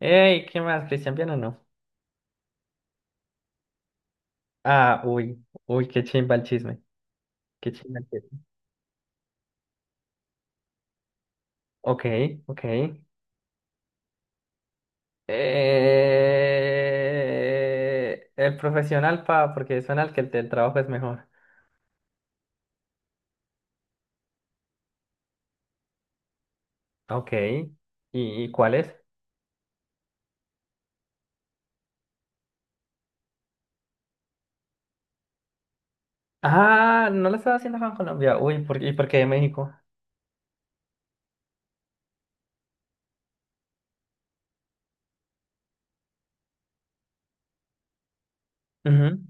Ey, ¿qué más? ¿Cristian Piano no? Ah, uy, uy, qué chimba el chisme. Qué chimba el chisme. Ok, ok. El profesional, pa, porque suena al que el del trabajo es mejor. Ok. ¿Y cuál es? Ah, no lo estaba haciendo acá en Colombia. Uy, ¿y por qué de México? Ujú,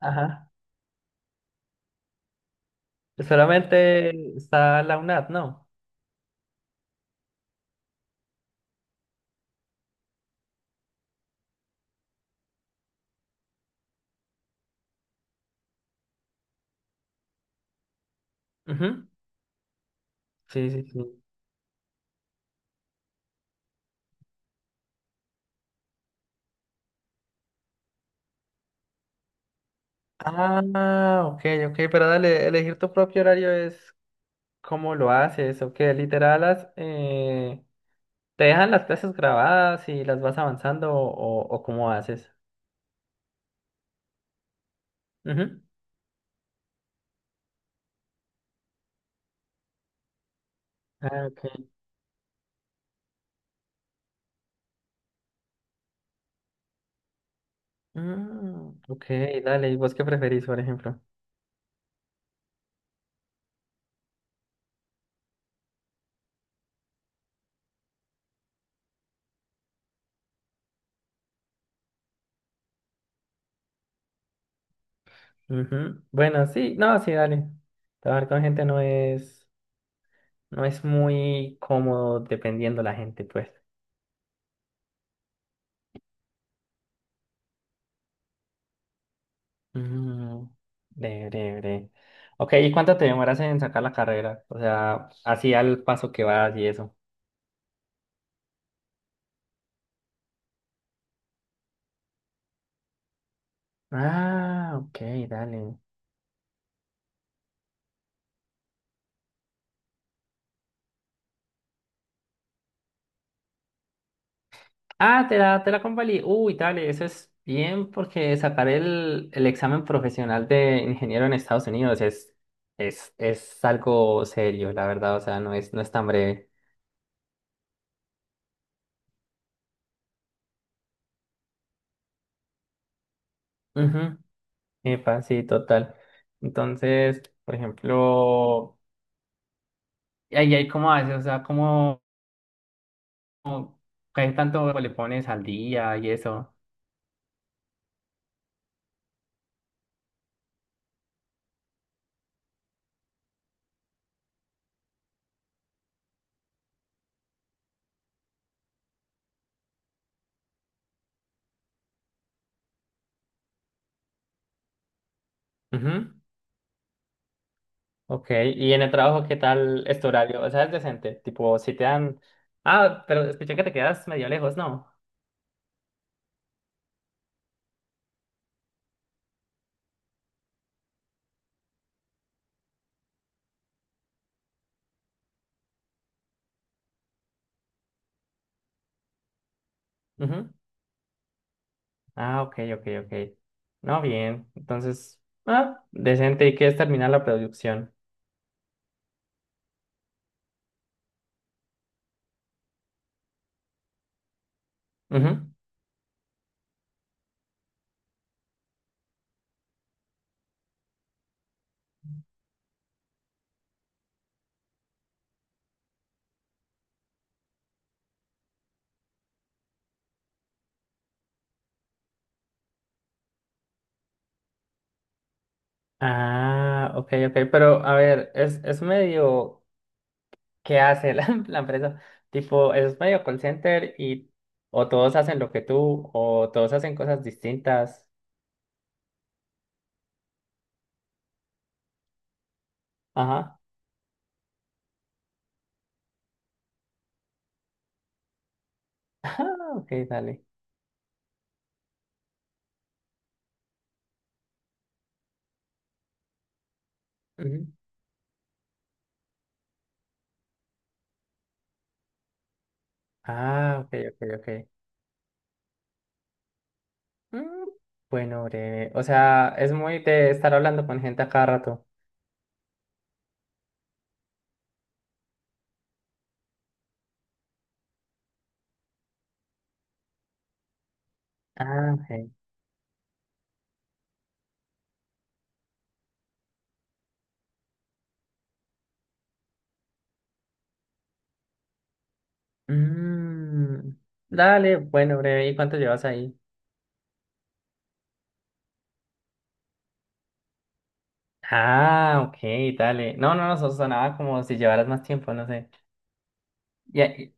ajá. Solamente está la UNAD, ¿no? Ujú, sí, sí, sí. Ah, ok, ok, pero dale, elegir tu propio horario es. ¿Cómo lo haces? ¿O qué? Literal, ¿te dejan las clases grabadas y las vas avanzando o cómo haces? Ujú. Ah, ok. Mm, ok, dale. ¿Y vos qué preferís, por ejemplo? Ujú. Bueno, sí, no, sí, dale. Trabajar con gente no es muy cómodo dependiendo la gente, pues. Mm, breve, breve, breve. Ok, ¿y cuánto te demoras en sacar la carrera? O sea, así al paso que vas y eso. Ah, ok, dale. Ah, te la convalí. Uy, dale, eso es bien porque sacar el examen profesional de ingeniero en Estados Unidos es algo serio, la verdad. O sea, no es tan breve. Ujú. Epa, sí, total. Entonces, por ejemplo, ¿y ahí cómo haces? O sea, ¿qué tanto le pones al día y eso? Ujú. Ok, y en el trabajo, ¿qué tal es tu horario? O sea, es decente. Tipo, si te dan. Ah, pero escuché que te quedas medio lejos, ¿no? Ah, ok, ok, ok. No, bien. Entonces, decente. ¿Y qué es terminar la producción? Ujú. Ah, ok, ok. Pero, a ver, es medio. ¿Qué hace la empresa? Tipo, es medio call center o todos hacen lo que tú o todos hacen cosas distintas. Ajá. Ah, ok, dale. Ujú. Ah, ok, ok, ok. Mm, bueno, breve. O sea, es muy de estar hablando con gente a cada rato. Ah, ok. Mm, dale, bueno, breve, ¿y cuánto llevas ahí? Ah, ok, dale. No, no, no, eso sonaba como si llevaras más tiempo, no sé. Ya,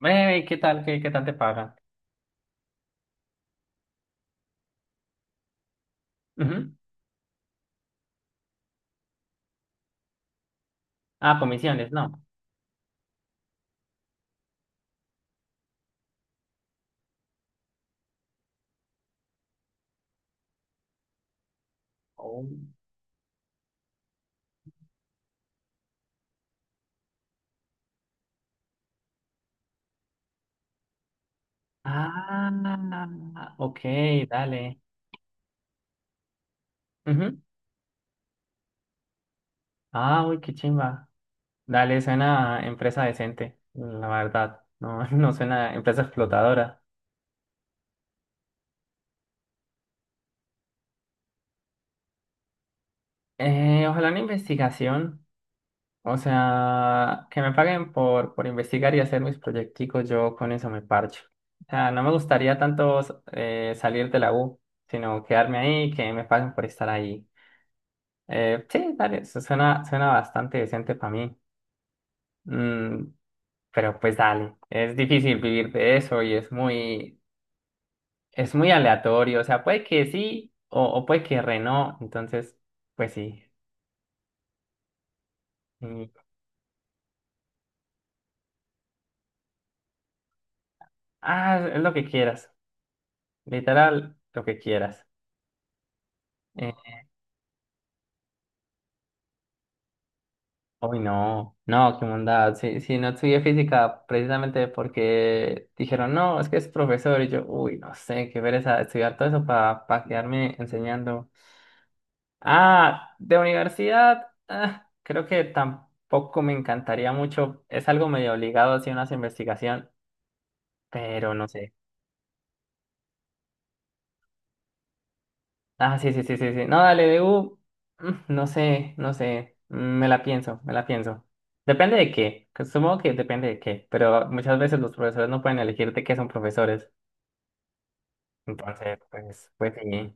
breve, ¿qué tal? ¿Qué tal te pagan? Ujú. Ah, comisiones, no. Oh. Ah, ok, dale. Ujú. Ah, uy, qué chimba. Dale, suena a empresa decente, la verdad. No, no suena a empresa explotadora. Ojalá una investigación. O sea, que me paguen por investigar y hacer mis proyecticos, yo con eso me parcho. O sea, no me gustaría tanto salir de la U, sino quedarme ahí, que me paguen por estar ahí. Sí, dale, eso suena bastante decente para mí. Mm, pero pues dale, es difícil vivir de eso y es muy aleatorio. O sea, puede que sí o puede que re no. Entonces, pues sí. Y- es lo que quieras. Literal, lo que quieras. Uy, no, no, qué mundad. Sí, sí, no estudié física precisamente porque dijeron, no, es que es profesor. Y yo, uy, no sé, qué pereza estudiar todo eso para quedarme enseñando. Ah, de universidad, creo que tampoco me encantaría mucho. Es algo medio obligado hacia una investigación, pero no sé. Ah, sí, sí, sí, sí, sí. No, dale, DU. No sé, no sé. Me la pienso, me la pienso. Depende de qué. Que Supongo que depende de qué. Pero muchas veces los profesores no pueden elegir de qué son profesores. Entonces, pues sí.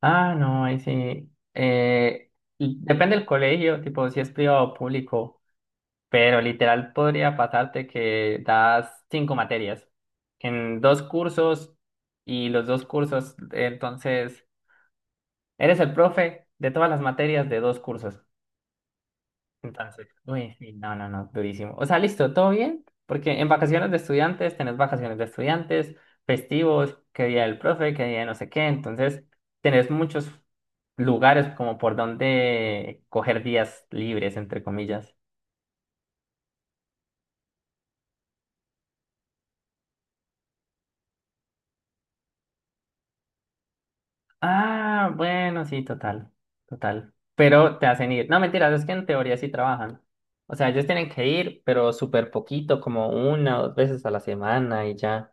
Ah, no, ahí sí. Y depende del colegio, tipo, si es privado o público. Pero literal podría pasarte que das cinco materias en dos cursos y los dos cursos, entonces. Eres el profe de todas las materias de dos cursos. Entonces, uy, sí, no, no, no, durísimo. O sea, listo, todo bien, porque en vacaciones de estudiantes tenés vacaciones de estudiantes, festivos, qué día del profe, qué día de no sé qué. Entonces, tenés muchos lugares como por donde coger días libres, entre comillas. Ah, bueno, sí, total, total. Pero te hacen ir. No, mentiras, es que en teoría sí trabajan. O sea, ellos tienen que ir, pero súper poquito, como una o dos veces a la semana y ya.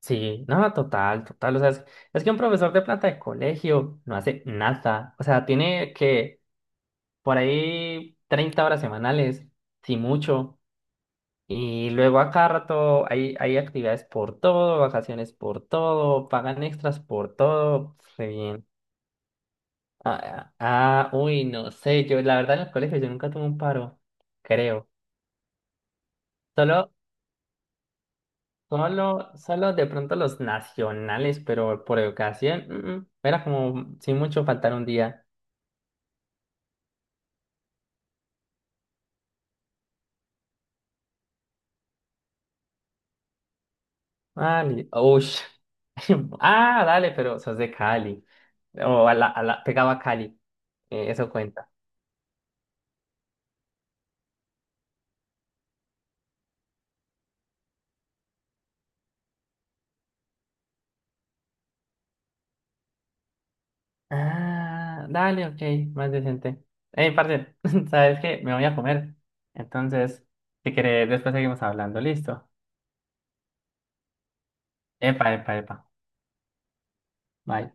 Sí, no, total, total. O sea, es que un profesor de planta de colegio no hace nada. O sea, tiene que por ahí 30 horas semanales, si mucho. Y luego a cada rato hay actividades por todo, vacaciones por todo, pagan extras por todo. Re bien. Uy, no sé. Yo, la verdad, en el colegio yo nunca tuve un paro, creo. Solo, solo, solo de pronto los nacionales, pero por educación, era como sin mucho faltar un día. Ah, ush. Ah, dale, pero sos de Cali. O a la, pegaba a Cali. Eso cuenta. Ah, dale, ok, más decente. Hey, parce, ¿sabes qué? Me voy a comer. Entonces, si querés, después seguimos hablando. Listo. Epa, epa, epa. Bye.